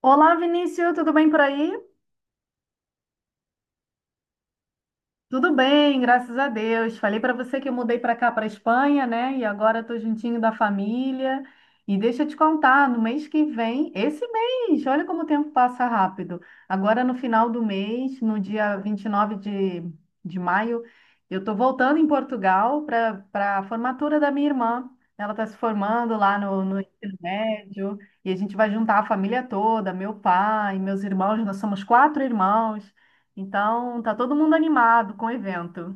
Olá, Vinícius, tudo bem por aí? Tudo bem, graças a Deus. Falei para você que eu mudei para cá, para Espanha, né? E agora estou juntinho da família. E deixa eu te contar, no mês que vem, esse mês, olha como o tempo passa rápido. Agora no final do mês, no dia 29 de maio, eu estou voltando em Portugal para a formatura da minha irmã. Ela está se formando lá no ensino médio e a gente vai juntar a família toda, meu pai, meus irmãos, nós somos 4 irmãos. Então, tá todo mundo animado com o evento.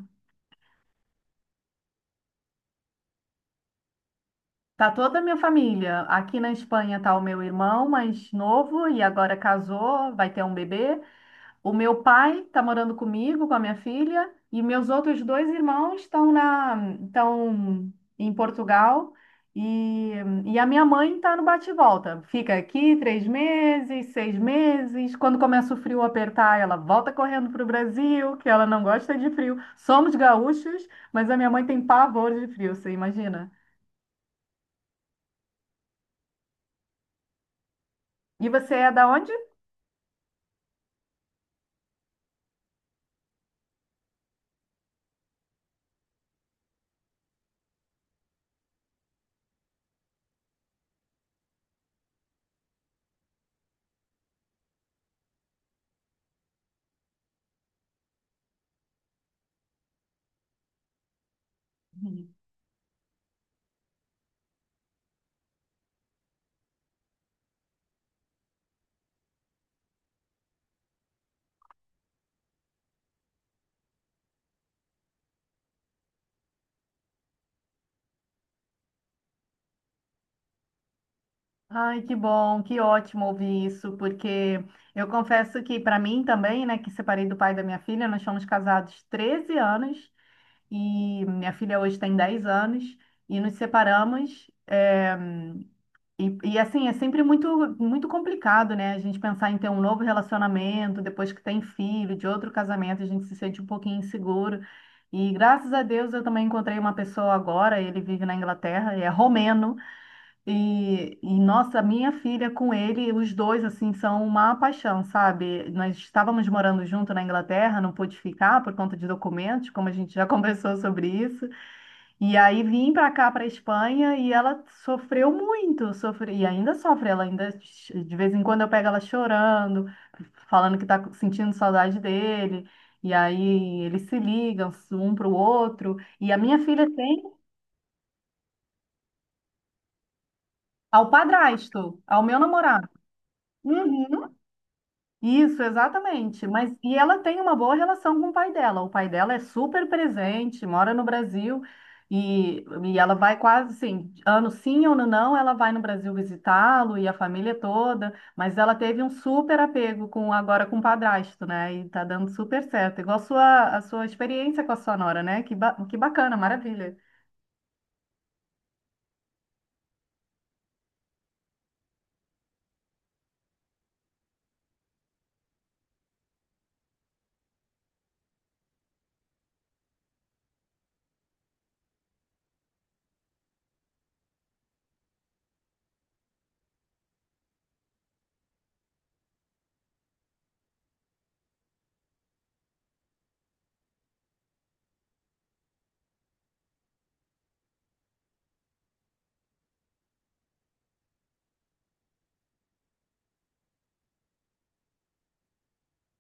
Tá toda a minha família. Aqui na Espanha tá o meu irmão mais novo e agora casou, vai ter um bebê. O meu pai está morando comigo, com a minha filha, e meus outros dois irmãos estão em Portugal. E, e a minha mãe está no bate-volta. Fica aqui 3 meses, 6 meses. Quando começa o frio apertar, ela volta correndo para o Brasil, que ela não gosta de frio. Somos gaúchos, mas a minha mãe tem pavor de frio, você imagina? E você é da onde? Ai, que bom, que ótimo ouvir isso, porque eu confesso que para mim também, né, que separei do pai da minha filha, nós fomos casados 13 anos e minha filha hoje tem 10 anos e nos separamos. E assim, é sempre muito, muito complicado, né, a gente pensar em ter um novo relacionamento depois que tem filho, de outro casamento, a gente se sente um pouquinho inseguro. E graças a Deus eu também encontrei uma pessoa agora, ele vive na Inglaterra, é romeno. E nossa, minha filha com ele, os dois assim são uma paixão, sabe? Nós estávamos morando junto na Inglaterra, não pude ficar por conta de documentos, como a gente já conversou sobre isso. E aí vim para cá, para Espanha, e ela sofreu muito, sofre, e ainda sofre, ela ainda de vez em quando eu pego ela chorando, falando que está sentindo saudade dele. E aí eles se ligam um para o outro. E a minha filha tem ao padrasto, ao meu namorado. Uhum. Isso, exatamente. Mas e ela tem uma boa relação com o pai dela. O pai dela é super presente, mora no Brasil e ela vai quase assim, ano sim, ano não, ela vai no Brasil visitá-lo e a família toda, mas ela teve um super apego com agora com o padrasto, né? E tá dando super certo. Igual a sua experiência com a sua nora, né? Que, que bacana, maravilha.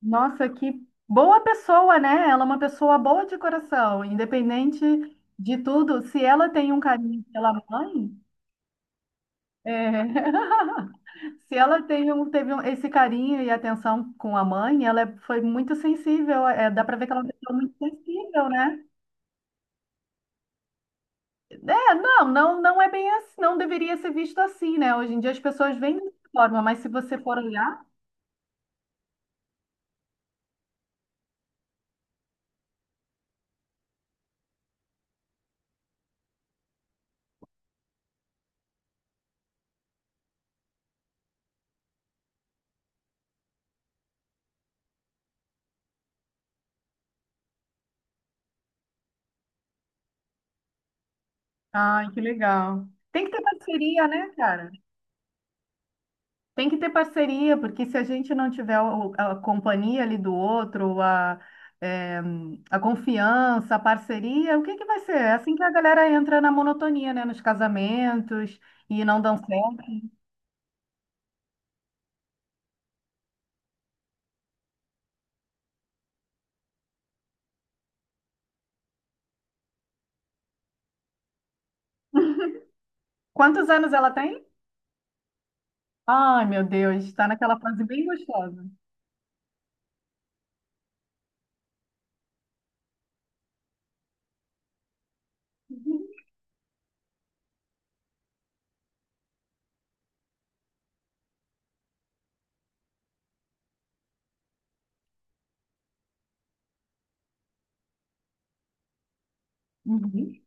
Nossa, que boa pessoa, né? Ela é uma pessoa boa de coração, independente de tudo. Se ela tem um carinho pela mãe, é, se ela tem um, teve um- esse carinho e atenção com a mãe, foi muito sensível. É, dá para ver que ela é uma pessoa muito sensível, né? É, não, não, não é bem assim, não deveria ser visto assim, né? Hoje em dia as pessoas veem dessa forma, mas se você for olhar, ai, que legal. Tem que ter parceria, né, cara? Tem que ter parceria, porque se a gente não tiver a companhia ali do outro, eh, a confiança, a parceria, o que que vai ser? É assim que a galera entra na monotonia, né? Nos casamentos e não dão certo. Quantos anos ela tem? Ai, meu Deus, está naquela fase bem gostosa. Uhum.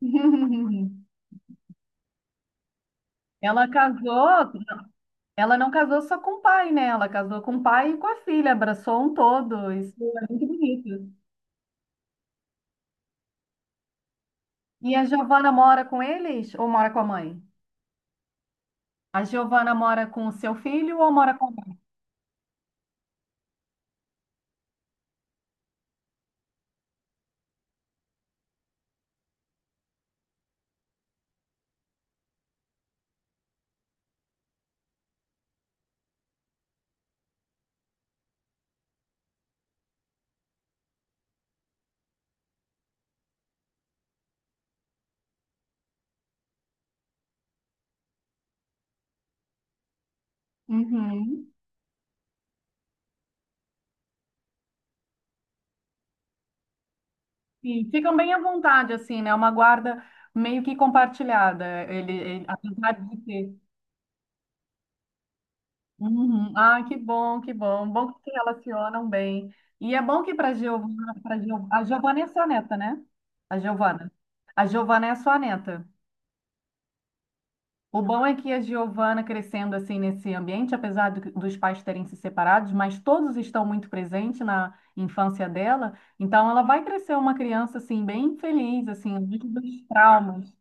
Ela casou, ela não casou só com o pai, né? Ela casou com o pai e com a filha, abraçou um todo. Isso é muito bonito. E a Giovana mora com eles ou mora com a mãe? A Giovana mora com o seu filho ou mora com a mãe? Uhum. E ficam bem à vontade, assim, né? É uma guarda meio que compartilhada, ele, apesar de ter. Uhum. Ah, que bom, que bom. Bom que se relacionam bem. E é bom que para Giovana, a Giovana é sua neta, né? A Giovana. A Giovana é sua neta. O bom é que a Giovana crescendo assim nesse ambiente, apesar dos pais terem se separados, mas todos estão muito presentes na infância dela, então ela vai crescer uma criança assim bem feliz, assim, muito dos traumas.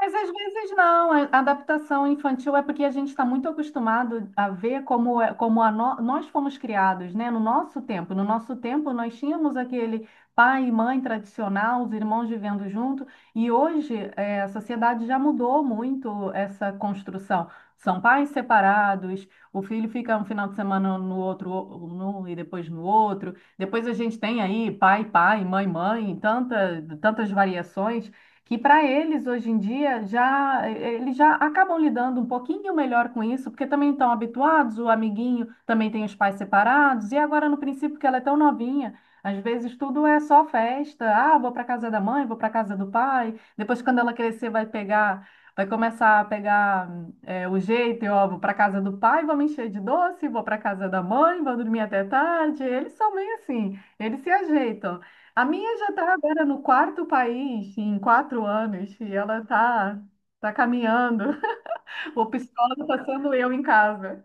Mas às vezes não, a adaptação infantil é porque a gente está muito acostumado a ver como, como a no- nós fomos criados, né? No nosso tempo. No nosso tempo, nós tínhamos aquele pai e mãe tradicional, os irmãos vivendo junto, e hoje a sociedade já mudou muito essa construção. São pais separados, o filho fica um final de semana no outro num e depois no outro. Depois a gente tem aí pai, pai, mãe, mãe, tanta, tantas variações que para eles hoje em dia já eles já acabam lidando um pouquinho melhor com isso, porque também estão habituados, o amiguinho também tem os pais separados, e agora no princípio que ela é tão novinha, às vezes tudo é só festa. Ah, vou para casa da mãe, vou para casa do pai. Depois quando ela crescer vai pegar. Vai começar a pegar o jeito, e, ó, vou para casa do pai, vou me encher de doce, vou para casa da mãe, vou dormir até tarde. Eles são meio assim, eles se ajeitam. A minha já está agora no quarto país em 4 anos e ela está tá caminhando. O psicólogo está sendo eu em casa.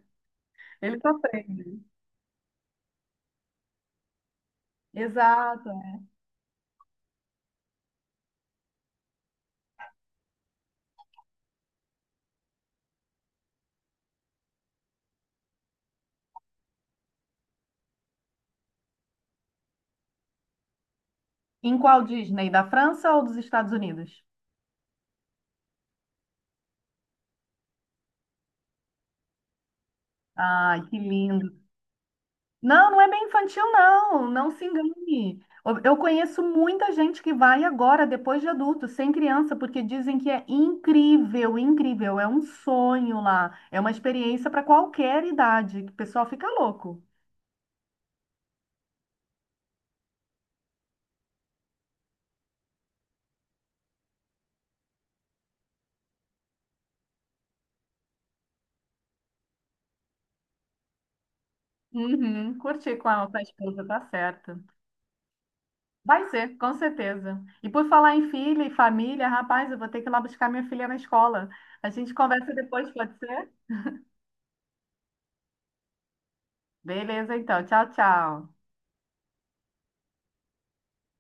Ele tá aprende. Exato. Em qual Disney? Da França ou dos Estados Unidos? Ai, que lindo. Não, não é bem infantil, não. Não se engane. Eu conheço muita gente que vai agora, depois de adulto, sem criança, porque dizem que é incrível, incrível. É um sonho lá. É uma experiência para qualquer idade. O pessoal fica louco. Uhum, curtir com a esposa, tá certo. Vai ser, com certeza. E por falar em filha e família, rapaz, eu vou ter que ir lá buscar minha filha na escola. A gente conversa depois, pode ser? Beleza, então. Tchau, tchau.